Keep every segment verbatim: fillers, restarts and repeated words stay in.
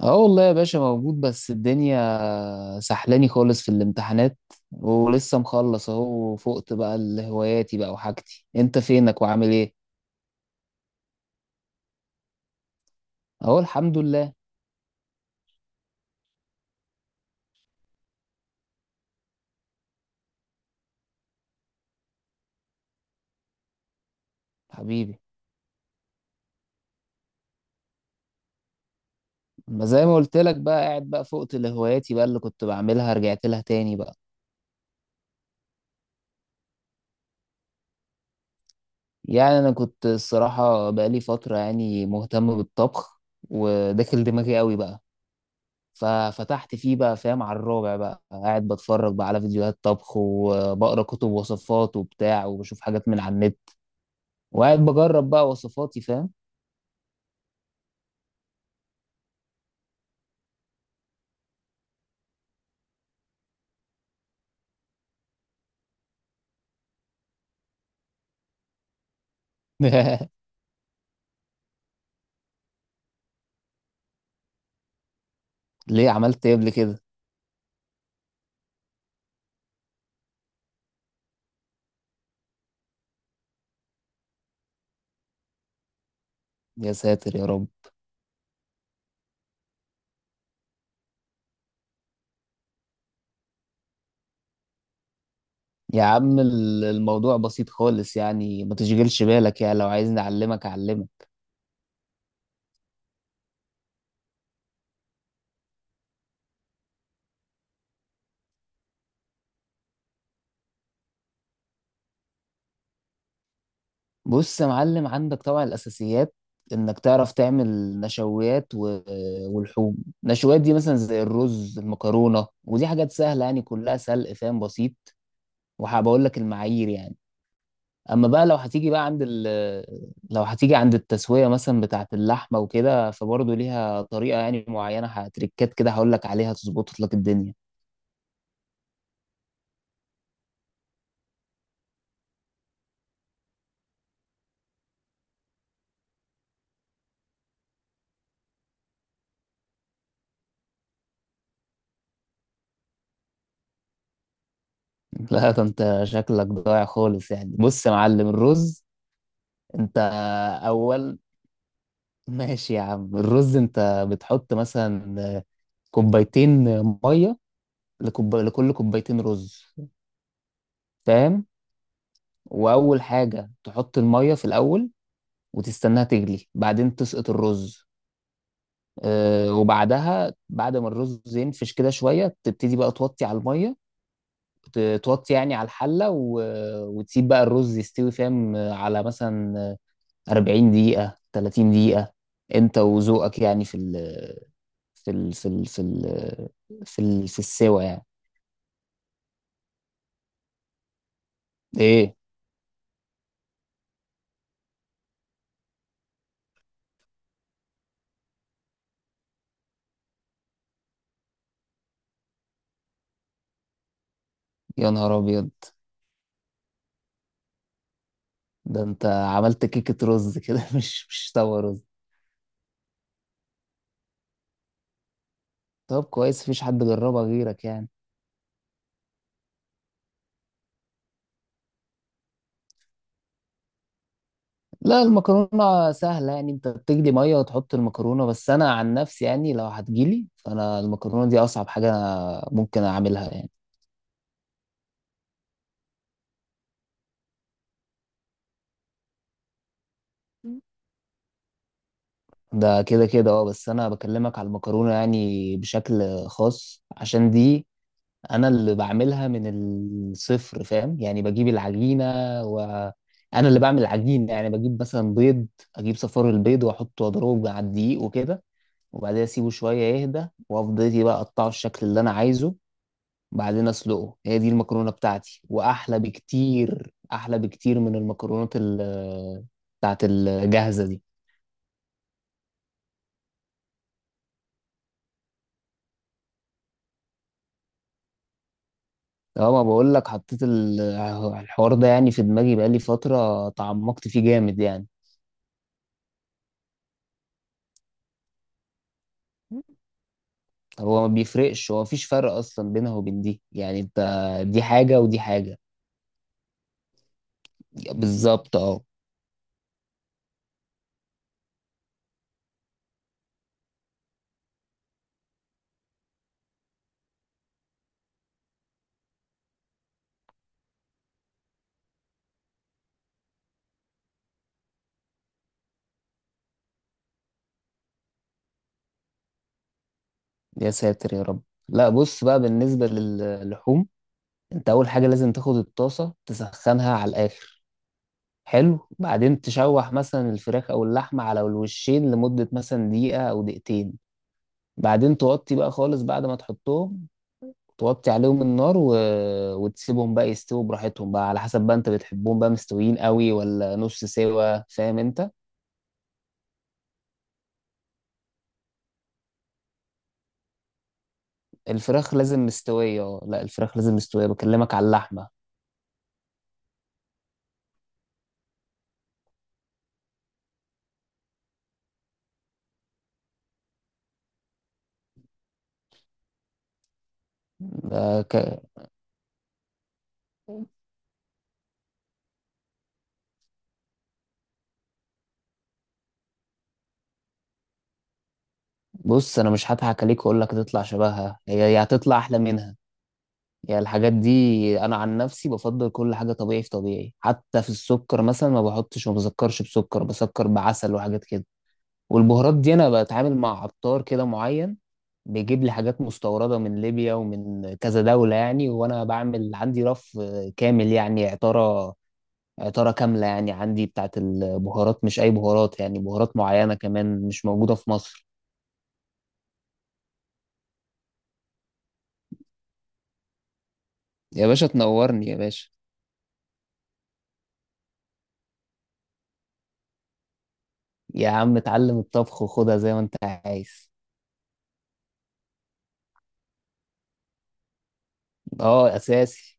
اه والله يا باشا موجود، بس الدنيا سحلاني خالص في الامتحانات، ولسه مخلص اهو. وفقت بقى لهواياتي بقى وحاجتي. انت فينك وعامل ايه؟ اهو الحمد لله. حبيبي، ما زي ما قلت لك بقى، قاعد بقى فقت لهواياتي بقى اللي كنت بعملها رجعت لها تاني بقى. يعني انا كنت الصراحة بقى لي فترة يعني مهتم بالطبخ، وداخل دماغي قوي بقى. ففتحت فيه بقى، فاهم، على الرابع بقى، قاعد بتفرج بقى على فيديوهات طبخ، وبقرا كتب وصفات وبتاع، وبشوف حاجات من على النت، وقاعد بجرب بقى وصفاتي، فاهم. ليه، عملت ايه قبل كده؟ يا ساتر يا رب. يا عم ال- الموضوع بسيط خالص يعني، ما تشغلش بالك يعني. لو عايزني اعلمك اعلمك. بص يا معلم، عندك طبعا الاساسيات، انك تعرف تعمل نشويات و... والحوم. نشويات دي مثلا زي الرز المكرونه، ودي حاجات سهله يعني، كلها سلق فاهم، بسيط. وهبقول لك المعايير يعني. اما بقى لو هتيجي بقى عند ال لو هتيجي عند التسويه مثلا بتاعه اللحمه وكده، فبرضه ليها طريقه يعني معينه، هتريكات كده هقول لك عليها تظبط لك الدنيا. لا ده انت شكلك ضايع خالص يعني. بص يا معلم، الرز، انت اول ماشي يا عم، الرز انت بتحط مثلا كوبايتين ميه لكوب... لكل كوبايتين رز، فاهم. واول حاجه تحط الميه في الاول، وتستناها تغلي، بعدين تسقط الرز، آه، وبعدها بعد ما الرز ينفش كده شويه تبتدي بقى توطي على الميه، ت- توطي يعني على الحله و... وتسيب بقى الرز يستوي، فاهم، آه، على مثلا أربعين دقيقه، تلاتين دقيقه، انت وذوقك يعني في ال... في ال... في ال... في ال... في ال... في السوا يعني. ايه؟ يا نهار ابيض، ده انت عملت كيكه رز كده، مش مش طوى رز. طب كويس مفيش حد جربها غيرك يعني. لا المكرونة سهلة يعني، انت بتجلي مية وتحط المكرونة. بس انا عن نفسي يعني لو هتجيلي، فانا المكرونة دي اصعب حاجة أنا ممكن اعملها يعني. ده كده كده اه، بس انا بكلمك على المكرونة يعني بشكل خاص، عشان دي انا اللي بعملها من الصفر، فاهم. يعني بجيب العجينة وانا اللي بعمل العجين يعني. بجيب مثلا بيض، اجيب صفار البيض واحطه واضربه مع الدقيق وكده، وبعدها اسيبه شوية يهدى، وافضل إيه بقى اقطعه الشكل اللي انا عايزه. بعدين اسلقه، هي دي المكرونه بتاعتي، واحلى بكتير، احلى بكتير من المكرونات ال بتاعت الجاهزه دي. اه ما بقول لك، حطيت ال- الحوار ده يعني في دماغي بقالي فتره، تعمقت فيه جامد يعني. هو ما بيفرقش، هو مفيش فرق اصلا بينها وبين دي يعني، انت دي حاجه ودي حاجه. بالظبط اه. يا ساتر يا رب. لا بص بقى بالنسبه للحوم، انت اول حاجه لازم تاخد الطاسه تسخنها على الاخر، حلو. بعدين تشوح مثلا الفراخ او اللحمه على الوشين لمده مثلا دقيقه او دقيقتين، بعدين توطي بقى خالص بعد ما تحطهم، توطي عليهم النار و... وتسيبهم بقى يستووا براحتهم بقى، على حسب بقى انت بتحبهم بقى مستويين قوي ولا نص سوا، فاهم انت. الفراخ لازم مستويه، اه لا الفراخ لازم مستويه، بكلمك على اللحمه. ده ك... بص انا مش هضحك عليك واقول لك تطلع شبهها، هي هي هتطلع احلى منها يعني. الحاجات دي انا عن نفسي بفضل كل حاجه طبيعي في طبيعي، حتى في السكر مثلا ما بحطش، ما بسكرش بسكر بسكر بعسل وحاجات كده. والبهارات دي انا بتعامل مع عطار كده معين، بيجيب لي حاجات مستورده من ليبيا ومن كذا دوله يعني. وانا بعمل عندي رف كامل يعني عطاره، عطاره كامله يعني، عندي بتاعت البهارات، مش اي بهارات يعني، بهارات معينه كمان مش موجوده في مصر. يا باشا تنورني يا باشا. يا عم اتعلم الطبخ وخدها زي ما انت عايز. اه اساسي.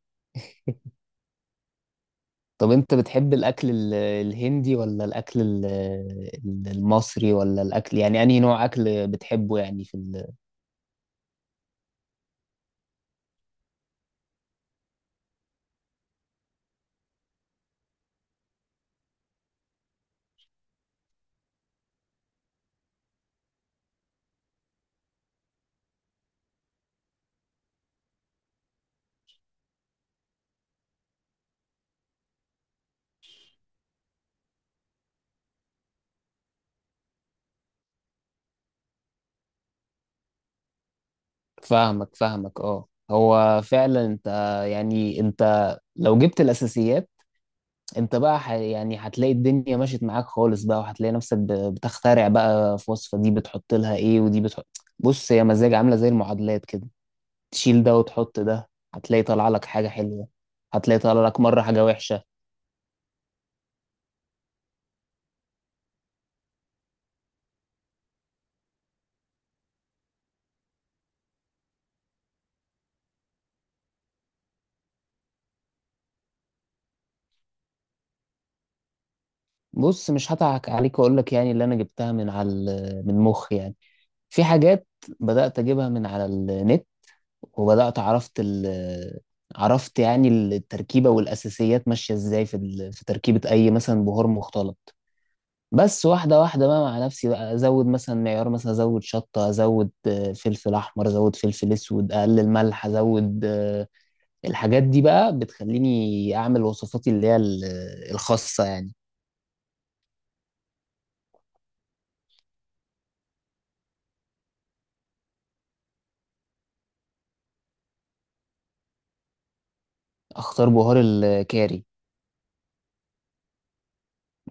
طب انت بتحب الاكل ال- الهندي ولا الاكل ال- ال- المصري، ولا الاكل يعني انهي نوع اكل بتحبه يعني في ال- فاهمك فاهمك اه. هو فعلا انت يعني انت لو جبت الاساسيات، انت بقى ح... يعني هتلاقي الدنيا مشيت معاك خالص بقى، وهتلاقي نفسك ب- بتخترع بقى في وصفة، دي بتحط لها ايه ودي بتحط. بص هي مزاج، عاملة زي المعادلات كده، تشيل ده وتحط ده هتلاقي طالع لك حاجة حلوة، هتلاقي طالع لك مرة حاجة وحشة. بص مش هضحك عليك واقول لك يعني اللي انا جبتها من على ال- من مخي يعني. في حاجات بدأت اجيبها من على النت، وبدأت عرفت ال، عرفت يعني التركيبة والأساسيات ماشية ازاي في ال- في تركيبة أي مثلا بهار مختلط. بس واحدة واحدة بقى مع نفسي بقى أزود مثلا معيار، مثلا أزود شطة، أزود آه، فلفل أحمر، أزود فلفل أسود، أقلل ملح، أزود آه، الحاجات دي بقى بتخليني أعمل وصفاتي اللي هي ال- الخاصة يعني. أختار بهار الكاري.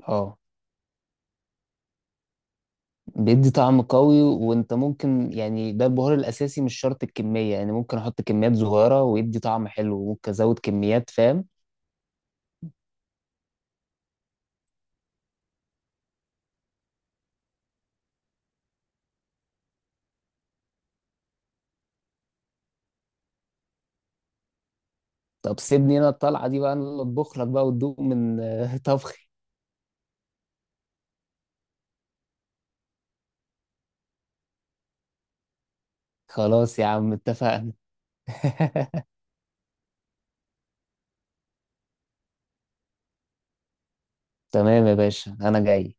اه بيدي طعم قوي، وانت ممكن يعني ده البهار الاساسي، مش شرط الكميه يعني، ممكن احط كميات صغيره ويدي طعم حلو، وممكن ازود كميات، فاهم. طب سيبني انا الطلعه دي بقى، انا اللي اطبخ لك بقى وتدوق من آه، طبخي. خلاص يا عم اتفقنا. تمام يا باشا انا جاي.